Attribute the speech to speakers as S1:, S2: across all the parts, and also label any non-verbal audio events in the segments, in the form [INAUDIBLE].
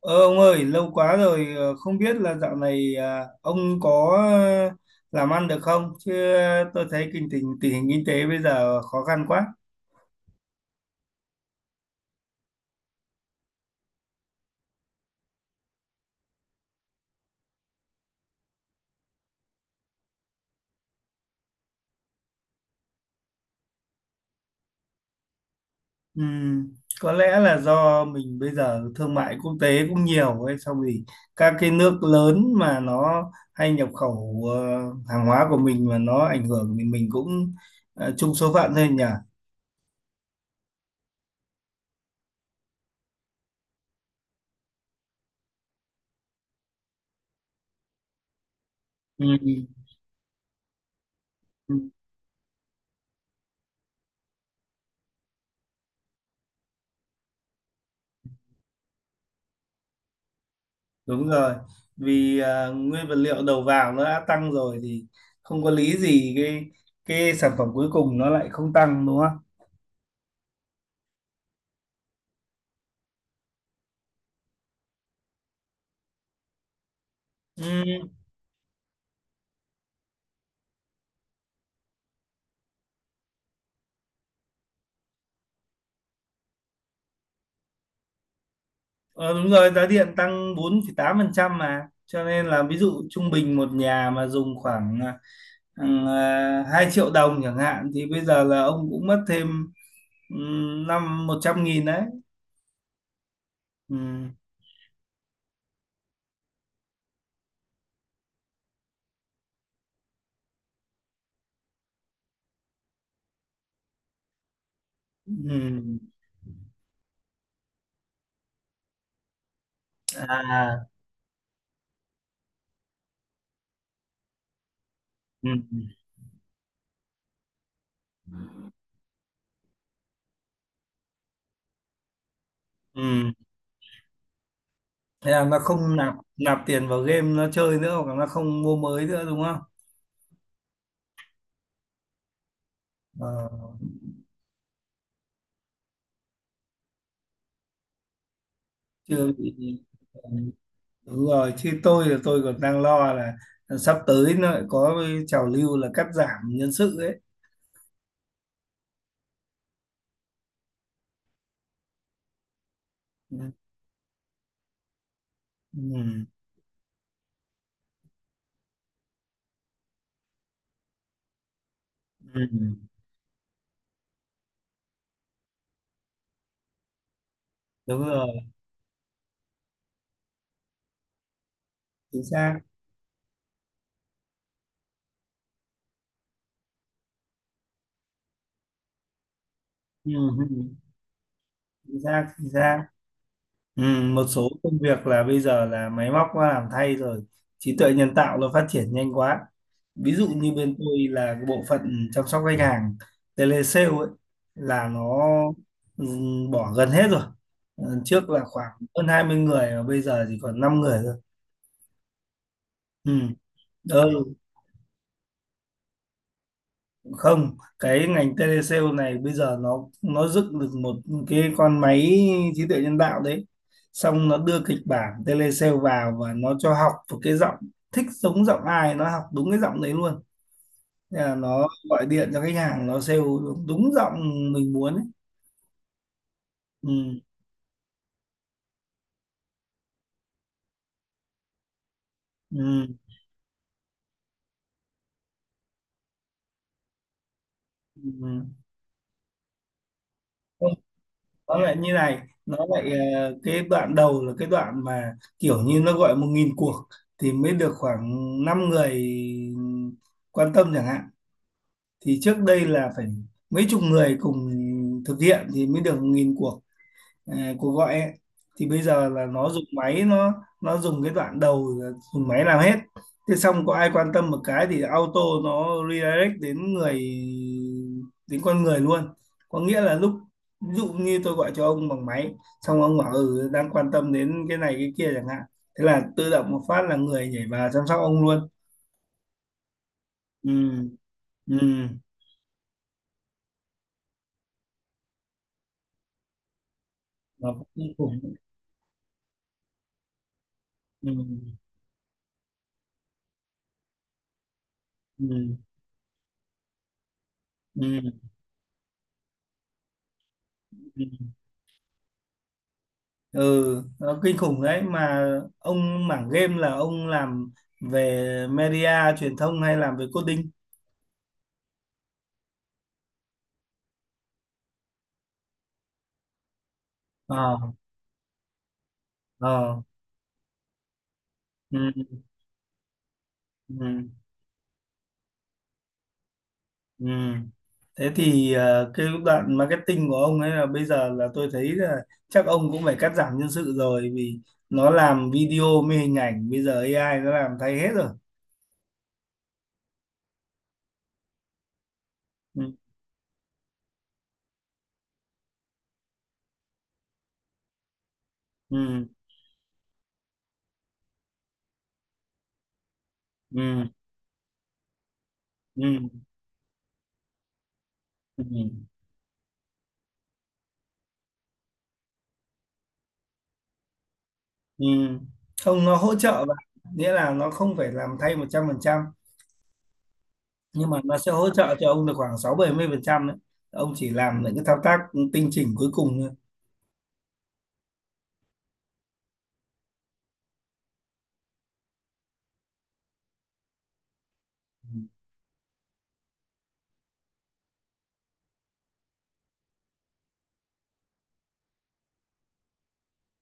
S1: Ờ, ông ơi, lâu quá rồi, không biết là dạo này ông có làm ăn được không? Chứ tôi thấy kinh tình tình hình kinh tế bây giờ khó khăn quá. Ừm, có lẽ là do mình bây giờ thương mại quốc tế cũng nhiều ấy, xong thì các cái nước lớn mà nó hay nhập khẩu hàng hóa của mình mà nó ảnh hưởng thì mình cũng chung số phận thôi nhỉ. Ừm. Đúng rồi, vì nguyên vật liệu đầu vào nó đã tăng rồi thì không có lý gì cái sản phẩm cuối cùng nó lại không tăng đúng không? Ừ. ờ, Đúng rồi, giá điện tăng 4,8% mà. Cho nên là ví dụ trung bình một nhà mà dùng khoảng 2 triệu đồng chẳng hạn thì bây giờ là ông cũng mất thêm năm 100.000 đấy. Ừ. Ừ. À. Ừ. Ừ. Thế là nó không nạp nạp tiền vào game nó chơi nữa hoặc là nó không mua mới nữa đúng không? Ờ, chưa bị. Đúng rồi, chứ tôi là tôi còn đang lo là sắp tới nó lại có cái trào lưu là cắt giảm nhân sự ấy. Ừ. Ừ. Ừ. Đúng rồi, chính xác. Ừ. Ừ, ừ. Chính xác, chính xác. Ừ, một số công việc là bây giờ là máy móc nó làm thay rồi, trí tuệ nhân tạo nó phát triển nhanh quá. Ví dụ như bên tôi là cái bộ phận chăm sóc khách hàng telesale ấy là nó ừ, bỏ gần hết rồi. Ừ, trước là khoảng hơn 20 người và bây giờ chỉ còn 5 người thôi. Ừ. Ừ, không, cái ngành telesale này bây giờ nó dựng được một cái con máy trí tuệ nhân tạo đấy, xong nó đưa kịch bản telesale vào và nó cho học một cái giọng, thích giống giọng ai nó học đúng cái giọng đấy luôn. Thế là nó gọi điện cho khách hàng, nó sale đúng, đúng giọng mình muốn ấy. Ừ, ừ, ừ. Không, nó lại như này, nó lại cái đoạn đầu là cái đoạn mà kiểu như nó gọi 1.000 cuộc thì mới được khoảng 5 người quan tâm chẳng hạn, thì trước đây là phải mấy chục người cùng thực hiện thì mới được nghìn cuộc, cuộc gọi ấy. Thì bây giờ là nó dùng máy, nó dùng cái đoạn đầu là dùng máy làm hết, thế xong có ai quan tâm một cái thì auto nó redirect đến người, đến con người luôn. Có nghĩa là lúc ví dụ như tôi gọi cho ông bằng máy, xong ông bảo ừ đang quan tâm đến cái này cái kia chẳng hạn, thế là tự động một phát là người nhảy vào chăm sóc ông luôn. Ừ, ừ, nó cũng khủng. Ừ. Ừ, ừ, ừ, ừ, nó kinh khủng đấy mà. Ông mảng game là ông làm về media truyền thông hay làm về coding? ờ ờ ừ, ừ, ừ. Thế thì cái đoạn marketing của ông ấy là bây giờ là tôi thấy là chắc ông cũng phải cắt giảm nhân sự rồi, vì nó làm video, mê hình ảnh bây giờ AI nó làm thay hết rồi. Ừ, ừ, ừ, ừ. Ừ. Ừ. Không, nó hỗ trợ bạn, nghĩa là nó không phải làm thay 100%, nhưng mà nó sẽ hỗ trợ cho ông được khoảng 60-70% đấy. Ông chỉ làm những cái thao tác tinh chỉnh cuối cùng thôi.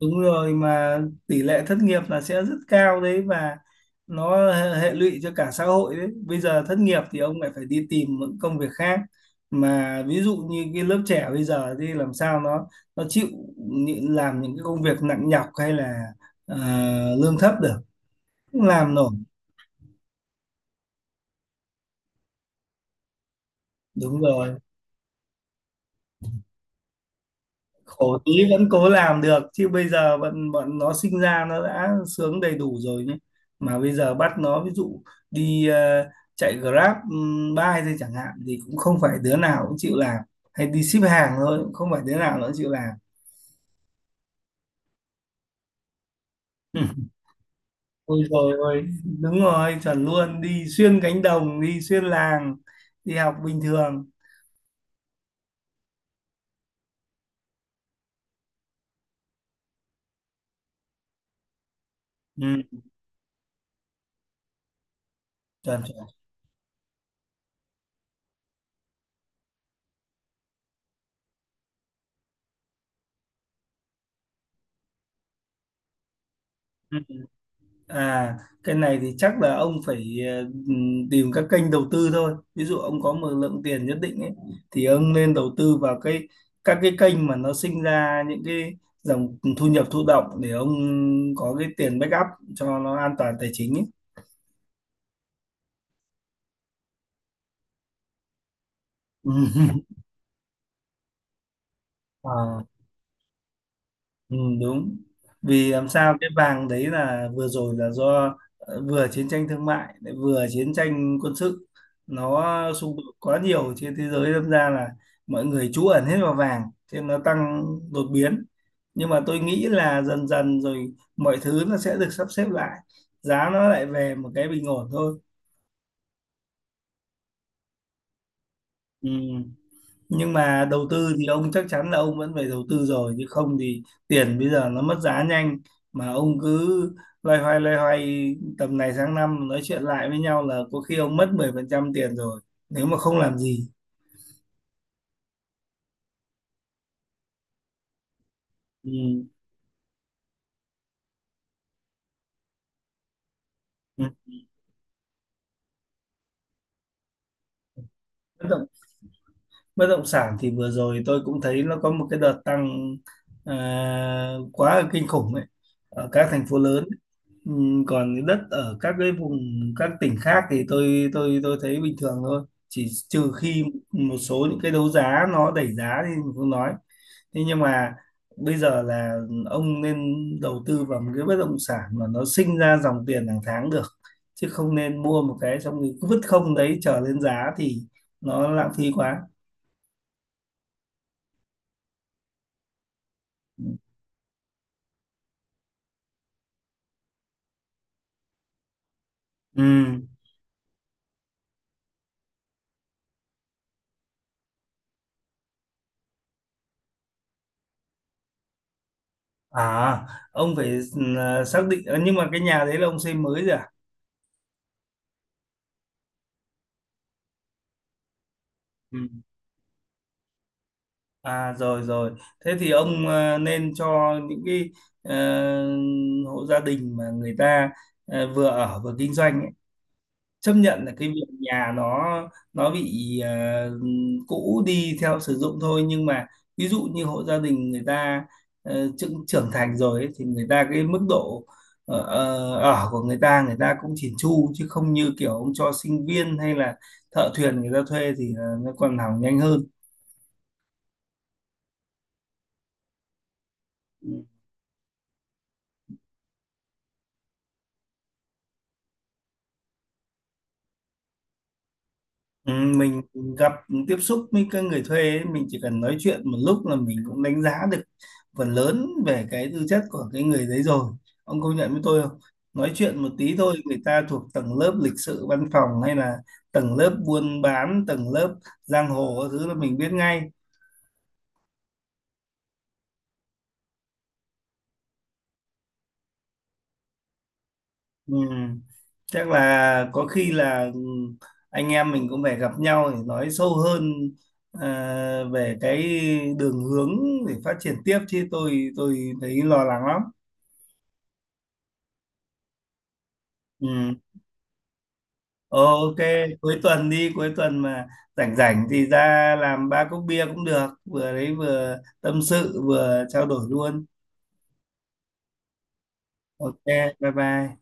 S1: Đúng rồi mà, tỷ lệ thất nghiệp là sẽ rất cao đấy và nó hệ hệ lụy cho cả xã hội đấy. Bây giờ thất nghiệp thì ông lại phải đi tìm những công việc khác. Mà ví dụ như cái lớp trẻ bây giờ thì làm sao nó chịu làm những cái công việc nặng nhọc hay là ờ, lương thấp được, không làm nổi. Đúng rồi. Khổ tí vẫn cố làm được, chứ bây giờ bọn bọn nó sinh ra nó đã sướng đầy đủ rồi nhé. Mà bây giờ bắt nó ví dụ đi chạy Grab bike thôi chẳng hạn thì cũng không phải đứa nào cũng chịu làm, hay đi ship hàng thôi cũng không phải đứa nào nó chịu làm [LAUGHS] Ừ. Ôi rồi, ôi đúng rồi, chuẩn luôn, đi xuyên cánh đồng, đi xuyên làng, đi học bình thường. Ừ, chuẩn chuẩn. Ừ. À, cái này thì chắc là ông phải tìm các kênh đầu tư thôi. Ví dụ ông có một lượng tiền nhất định ấy, thì ông nên đầu tư vào cái, các cái kênh mà nó sinh ra những cái dòng thu nhập thụ động để ông có cái tiền backup cho nó an toàn tài chính ấy. Ừ. À. Ừ, đúng. Vì làm sao cái vàng đấy là vừa rồi là do vừa chiến tranh thương mại lại vừa chiến tranh quân sự, nó xung đột quá nhiều trên thế giới, đâm ra là mọi người trú ẩn hết vào vàng, cho nên nó tăng đột biến. Nhưng mà tôi nghĩ là dần dần rồi mọi thứ nó sẽ được sắp xếp lại, giá nó lại về một cái bình ổn thôi. Ừ. Nhưng mà đầu tư thì ông chắc chắn là ông vẫn phải đầu tư rồi, chứ không thì tiền bây giờ nó mất giá nhanh, mà ông cứ loay hoay tầm này sang năm nói chuyện lại với nhau là có khi ông mất 10% tiền rồi, nếu mà không làm gì. Ừ. Ừ. Bất động sản thì vừa rồi tôi cũng thấy nó có một cái đợt tăng à, quá là kinh khủng ấy ở các thành phố lớn. Còn cái đất ở các cái vùng, các tỉnh khác thì tôi thấy bình thường thôi, chỉ trừ khi một số những cái đấu giá nó đẩy giá thì mình không nói. Thế nhưng mà bây giờ là ông nên đầu tư vào một cái bất động sản mà nó sinh ra dòng tiền hàng tháng được, chứ không nên mua một cái xong rồi cứ vứt không đấy chờ lên giá thì nó lãng phí quá. Ừ. Ừ. À, ông phải xác định nhưng mà cái nhà đấy là ông xây mới rồi à? Ừ. À rồi rồi. Thế thì ông nên cho những cái ờ, hộ gia đình mà người ta vừa ở vừa kinh doanh ấy, chấp nhận là cái việc nhà nó bị cũ đi theo sử dụng thôi, nhưng mà ví dụ như hộ gia đình người ta trưởng trưởng thành rồi ấy, thì người ta cái mức độ ở của người ta, người ta cũng chỉn chu, chứ không như kiểu ông cho sinh viên hay là thợ thuyền người ta thuê thì nó còn hỏng nhanh hơn. Ừ, mình gặp, tiếp xúc với các người thuê ấy, mình chỉ cần nói chuyện một lúc là mình cũng đánh giá được phần lớn về cái tư chất của cái người đấy rồi, ông công nhận với tôi không? Nói chuyện một tí thôi, người ta thuộc tầng lớp lịch sự văn phòng hay là tầng lớp buôn bán, tầng lớp giang hồ các thứ là mình biết ngay. Ừ. Chắc là có khi là anh em mình cũng phải gặp nhau để nói sâu hơn về cái đường hướng để phát triển tiếp, chứ tôi thấy lo lắng lắm. Ừ. Ok, cuối tuần đi, cuối tuần mà rảnh rảnh thì ra làm ba cốc bia cũng được, vừa đấy vừa tâm sự vừa trao đổi luôn. Ok, bye bye.